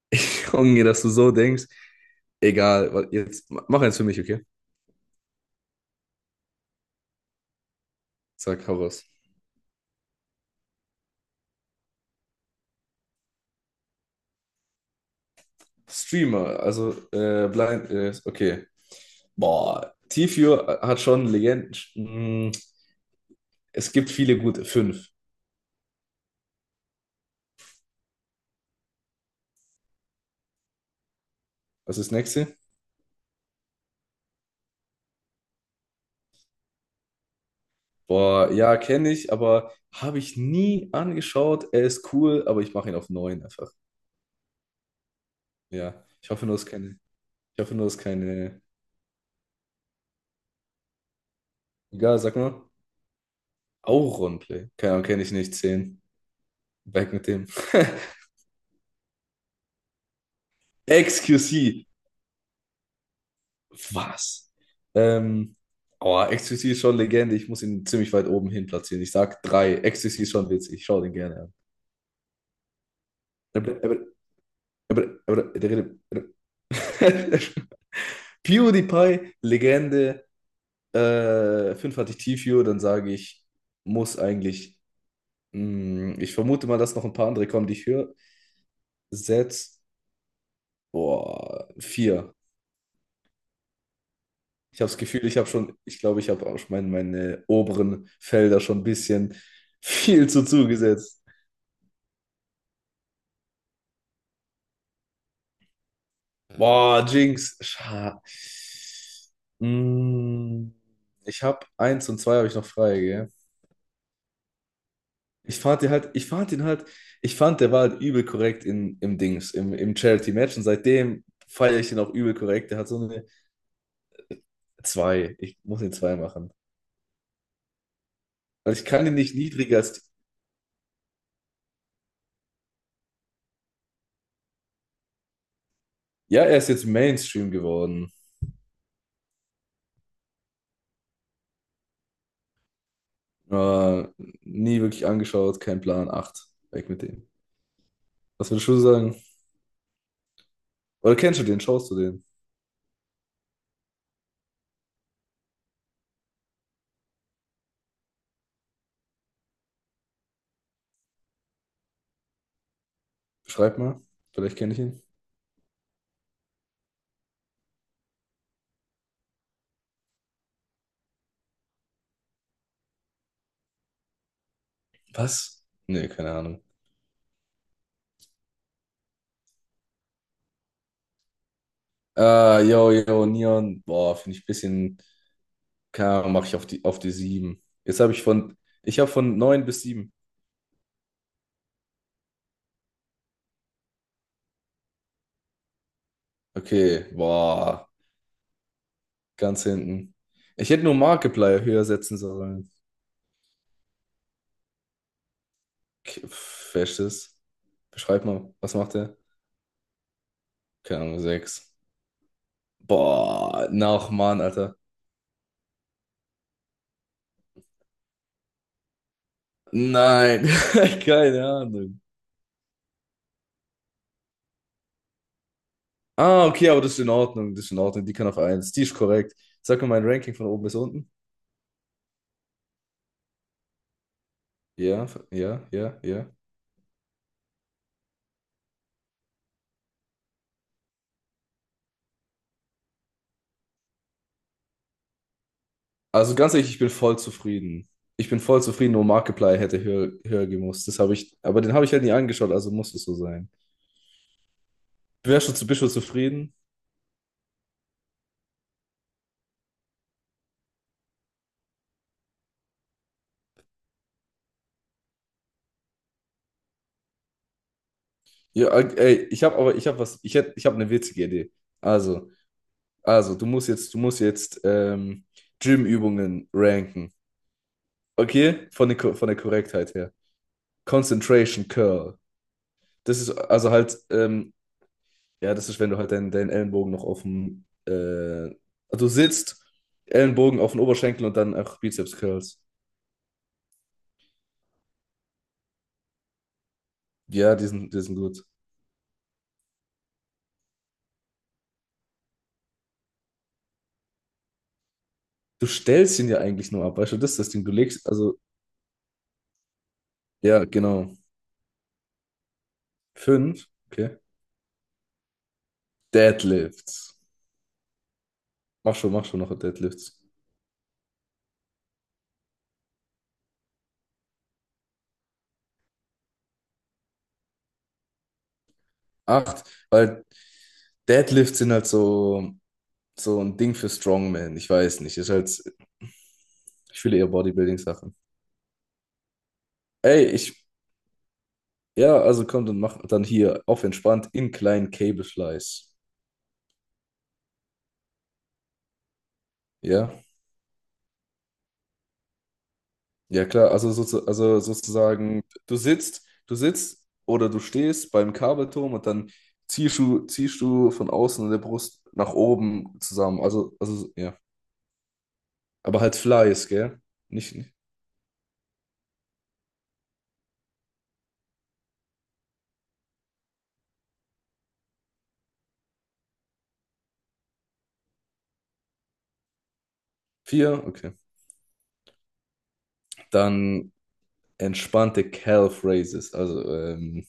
Ich hoffe, dass du so denkst. Egal, weil jetzt mach eins für mich, okay? Sag, hau raus. Streamer, also Blind, okay. Boah, Tifio hat schon Legenden. Es gibt viele gute. Fünf. Was ist das nächste? Boah, ja, kenne ich, aber habe ich nie angeschaut. Er ist cool, aber ich mache ihn auf neun einfach. Ja, ich hoffe nur, es ist keine. Ich hoffe nur, es ist keine. Egal, sag mal. Auronplay. Keine Ahnung, kenne ich nicht. Zehn. Weg mit dem. XQC. Was? Ähm, oh, Ecstasy ist schon Legende. Ich muss ihn ziemlich weit oben hin platzieren. Ich sag drei. Ecstasy ist schon witzig. Ich schaue den gerne an. PewDiePie, Legende. Fünf hatte ich T-View. Muss eigentlich. Ich vermute mal, dass noch ein paar andere kommen, die ich höre. Setz. Boah, vier. Ich habe das Gefühl, ich glaube, ich habe auch schon meine oberen Felder schon ein bisschen viel zu zugesetzt. Boah, Jinx. Scha, mm, ich habe eins und zwei habe ich noch frei, gell? Ich fand ihn halt, ich fand, der war halt übel korrekt im Dings, im Charity-Match und seitdem feiere ich den auch übel korrekt. Der hat so eine zwei. Ich muss den zwei machen. Weil ich kann ihn nicht niedriger als. Ja, er ist jetzt Mainstream geworden. Aber nie wirklich angeschaut, kein Plan. Acht. Weg mit dem. Was würdest du sagen? Oder kennst du den? Schaust du den? Schreib mal. Vielleicht kenne ich ihn. Was? Nee, keine Ahnung. Ah, yo, yo, Neon. Boah, finde ich ein bisschen. Keine Ahnung, mache ich auf auf die 7. Jetzt habe ich von. Ich habe von neun bis sieben. Okay, boah, ganz hinten. Ich hätte nur Markiplier höher setzen sollen. K- pf, wer ist das? Beschreib mal, was macht der? Keine Ahnung, sechs. Boah, nach Mann, Alter. Nein, keine Ahnung. Ah, okay, aber das ist in Ordnung, das ist in Ordnung. Die kann auf eins. Die ist korrekt. Sag mir mein Ranking von oben bis unten. Ja, ja, ja, ja. Also ganz ehrlich, ich bin voll zufrieden. Ich bin voll zufrieden, nur Markiplier hätte höher gemusst. Das habe ich, aber den habe ich halt nie angeschaut, also muss es so sein. Bist du zufrieden? Ja, ey, ich habe eine witzige Idee. Also, also, du musst jetzt Gym-Übungen ranken. Okay? Von der, Ko- von der Korrektheit her. Concentration Curl. Das ist also halt ähm. Ja, das ist, wenn du halt deinen Ellenbogen noch auf dem, also du sitzt, Ellenbogen auf den Oberschenkel und dann auch Bizeps Curls. Ja, die sind gut. Du stellst ihn ja eigentlich nur ab, weißt du, das ist das Ding, du legst, also, ja, genau. Fünf, okay. Deadlifts. Mach schon noch Deadlifts. Acht, weil Deadlifts sind halt so, so ein Ding für Strongman, ich weiß nicht, ist halt, ich fühle eher Bodybuilding-Sachen. Ey, ich. Ja, also komm, dann mach dann hier auf entspannt in kleinen Cable-Flies. Ja, ja klar, also, also sozusagen, du sitzt oder du stehst beim Kabelturm und dann ziehst du von außen in der Brust nach oben zusammen. Also ja, aber halt Flies, gell? Nicht, nicht. Vier, okay. Dann entspannte Calf Raises, also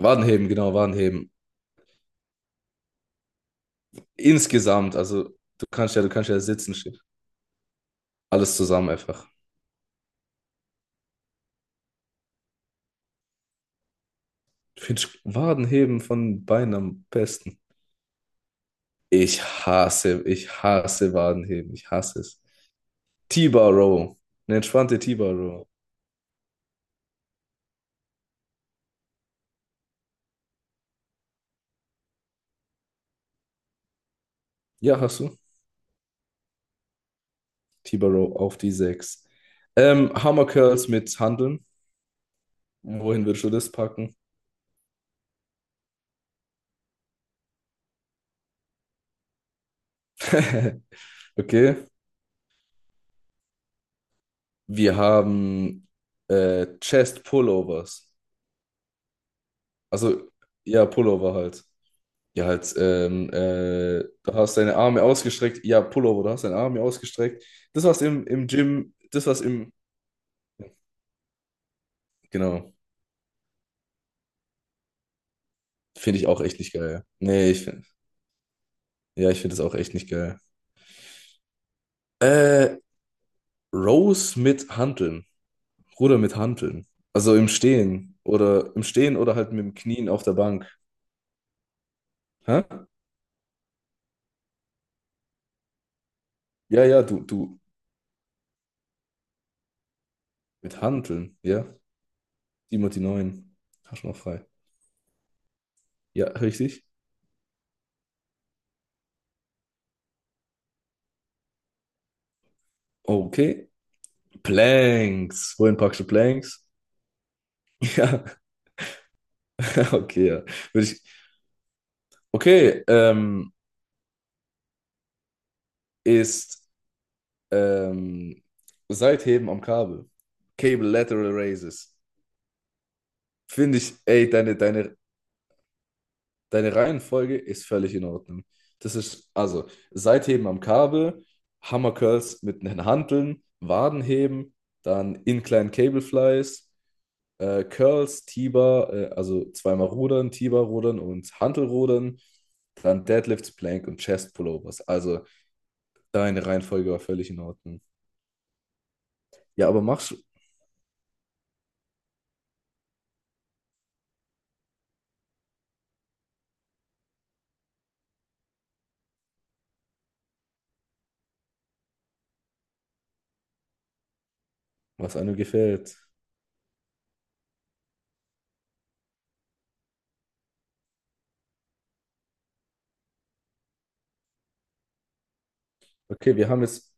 Wadenheben, genau, Wadenheben. Insgesamt, also du kannst ja sitzen, stehen. Alles zusammen einfach. Ich finde Wadenheben von Beinen am besten. Ich hasse Wadenheben. Ich hasse es. T-Bar Row. Eine entspannte T-Bar Row. Ja, hast du? T-Bar Row auf die 6. Hammer Curls mit Handeln. Wohin würdest du das packen? Okay. Wir haben Chest Pullovers. Also, ja, Pullover halt. Ja, halt, du hast deine Arme ausgestreckt. Ja, Pullover, du hast deine Arme ausgestreckt. Im Gym, das, was im. Genau. Finde ich auch echt nicht geil. Nee, ich finde. Ja, ich finde das auch echt nicht geil. Äh, Rows mit Hanteln. Ruder mit Hanteln. Also im Stehen. Oder im Stehen oder halt mit dem Knien auf der Bank. Hä? Ja, ja, du. Mit Hanteln, ja. sieben und die neun. Hast du noch frei. Ja, richtig. Okay. Planks. Wohin packst du Planks? Ja. Okay, ja. Würde ich, okay, ist ähm, Seitheben am Kabel. Cable Lateral Raises. Finde ich, ey, deine Reihenfolge ist völlig in Ordnung. Das ist, also, Seitheben am Kabel, Hammer Curls mit den Hanteln, Wadenheben, dann Incline Cable Flies, Curls, also zweimal Rudern, T-Bar rudern und Hantelrudern, dann Deadlifts, Plank und Chest Pullovers. Also, deine Reihenfolge war völlig in Ordnung. Ja, aber mach's, was einem gefällt. Okay, wir haben jetzt,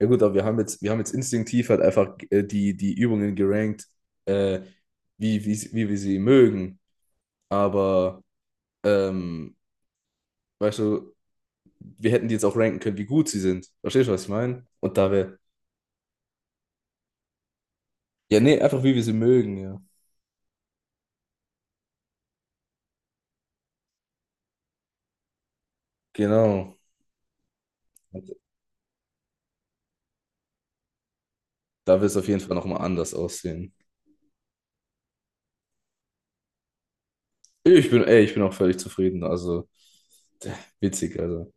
ja gut, aber wir haben jetzt instinktiv halt einfach die Übungen gerankt, äh, wie wir sie mögen. Aber, ähm, weißt du, wir hätten die jetzt auch ranken können, wie gut sie sind. Verstehst du, was ich meine? Und da wir, ja, nee, einfach wie wir sie mögen, ja. Genau. Und da wird es auf jeden Fall nochmal anders aussehen. Ich bin auch völlig zufrieden. Also, witzig, also.